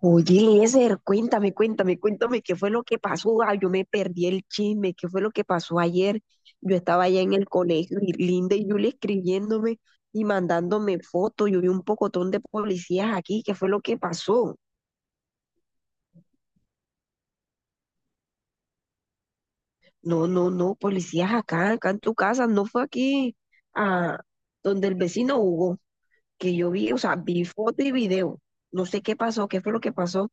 Oye, Eliezer, cuéntame qué fue lo que pasó. Ah, yo me perdí el chisme, qué fue lo que pasó ayer. Yo estaba allá en el colegio y Linda y Julia escribiéndome y mandándome fotos. Yo vi un pocotón de policías aquí, qué fue lo que pasó. No, no, no, policías acá, acá en tu casa, no fue aquí a donde el vecino Hugo, que yo vi, o sea, vi foto y video. No sé qué pasó, qué fue lo que pasó.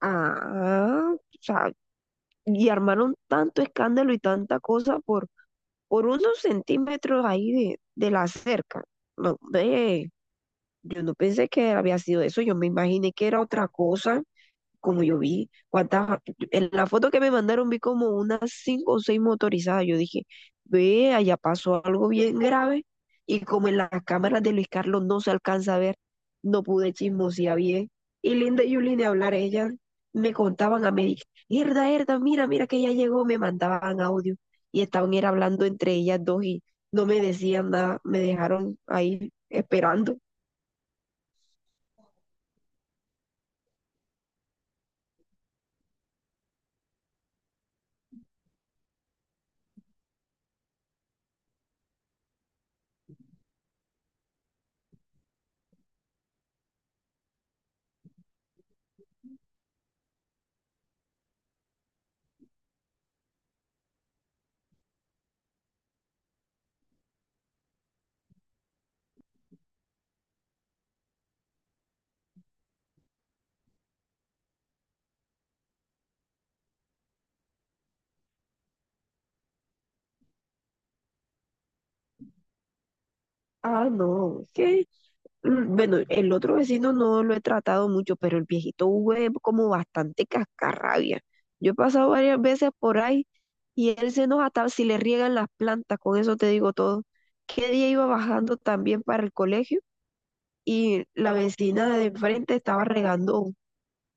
Ah, o sea, y armaron tanto escándalo y tanta cosa por unos centímetros ahí de la cerca. No, ve, yo no pensé que había sido eso, yo me imaginé que era otra cosa como yo vi, cuántas, en la foto que me mandaron vi como unas cinco o seis motorizadas. Yo dije, ve, allá pasó algo bien grave. Y como en las cámaras de Luis Carlos no se alcanza a ver, no pude chismosear bien. Y Linda y Yuli de hablar, ellas me contaban a mí, Herda, Herda, mira que ya llegó, me mandaban audio. Y estaban era hablando entre ellas dos y no me decían nada, me dejaron ahí esperando. Ah, no, qué. Mm, bueno, el otro vecino no lo he tratado mucho, pero el viejito Hugo es como bastante cascarrabia. Yo he pasado varias veces por ahí y él se enoja hasta si le riegan las plantas, con eso te digo todo. ¿Qué día iba bajando también para el colegio? Y la vecina de enfrente estaba regando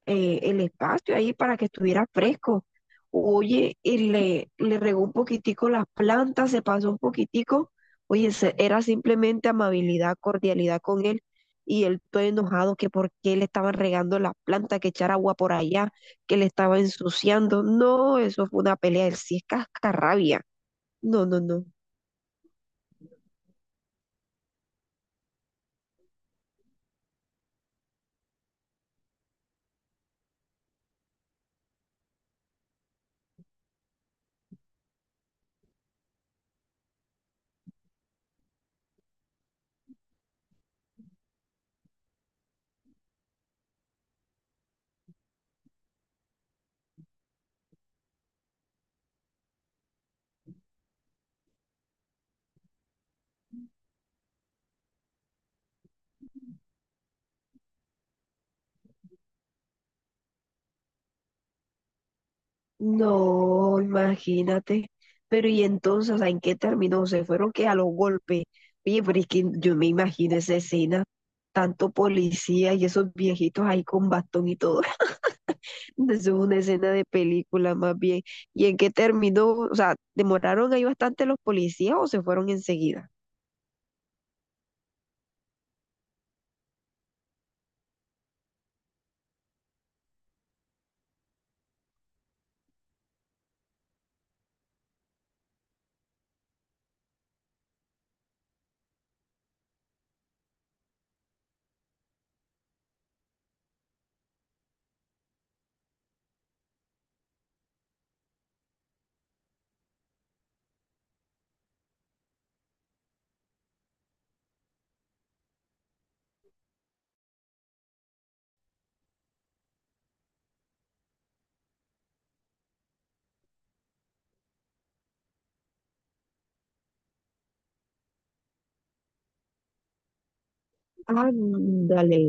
el espacio ahí para que estuviera fresco. Oye, y le regó un poquitico las plantas, se pasó un poquitico. Oye, era simplemente amabilidad, cordialidad con él. Y él todo enojado que por qué le estaban regando las plantas, que echar agua por allá, que le estaba ensuciando. No, eso fue una pelea. Él sí es cascarrabia. No, no, no. No, imagínate. Pero y entonces, o sea, ¿en qué terminó? Se fueron que a los golpes. Oye, pero es que yo me imagino esa escena, tanto policía y esos viejitos ahí con bastón y todo. Eso es una escena de película más bien. ¿Y en qué terminó? O sea, ¿demoraron ahí bastante los policías o se fueron enseguida? Ándale,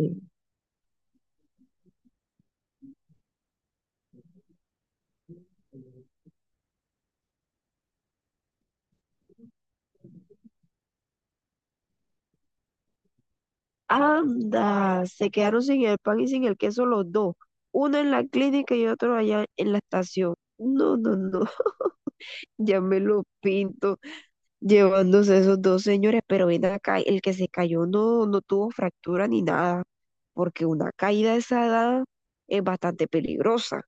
anda, se quedaron sin el pan y sin el queso los dos, uno en la clínica y otro allá en la estación. No, no, no. Ya me lo pinto llevándose esos dos señores, pero ven acá, el que se cayó no, no tuvo fractura ni nada, porque una caída de esa edad es bastante peligrosa.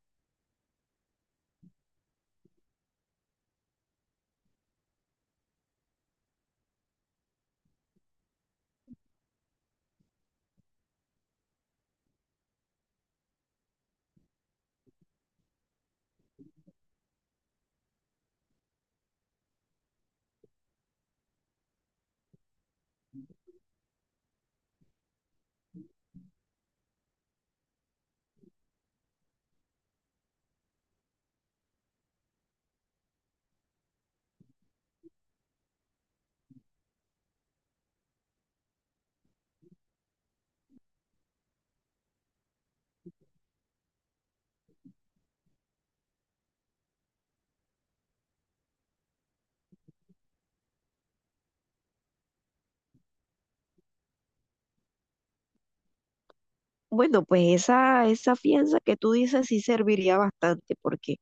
Bueno, pues esa fianza que tú dices sí serviría bastante, porque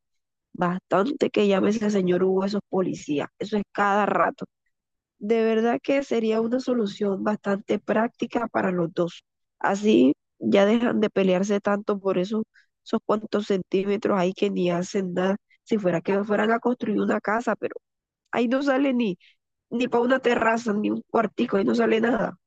bastante que llame ese señor Hugo a esos policías, eso es cada rato. De verdad que sería una solución bastante práctica para los dos. Así ya dejan de pelearse tanto por eso, esos cuantos centímetros ahí que ni hacen nada. Si fuera que fueran a construir una casa, pero ahí no sale ni para una terraza, ni un cuartico, ahí no sale nada.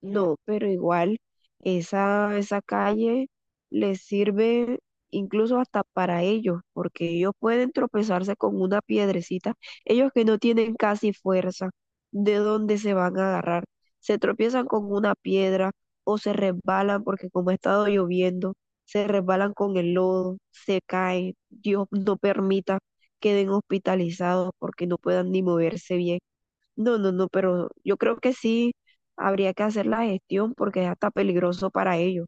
No, pero igual esa calle les sirve incluso hasta para ellos, porque ellos pueden tropezarse con una piedrecita. Ellos que no tienen casi fuerza, ¿de dónde se van a agarrar? Se tropiezan con una piedra o se resbalan porque como ha estado lloviendo, se resbalan con el lodo, se caen. Dios no permita queden hospitalizados porque no puedan ni moverse bien. No, no, no, pero yo creo que sí habría que hacer la gestión porque es hasta peligroso para ellos.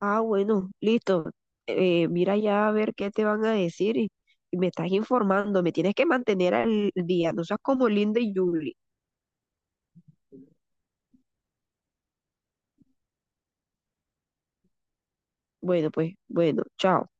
Ah, bueno, listo. Mira ya a ver qué te van a decir y me estás informando. Me tienes que mantener al día. No seas como Linda y Julie. Bueno, pues, bueno, chao.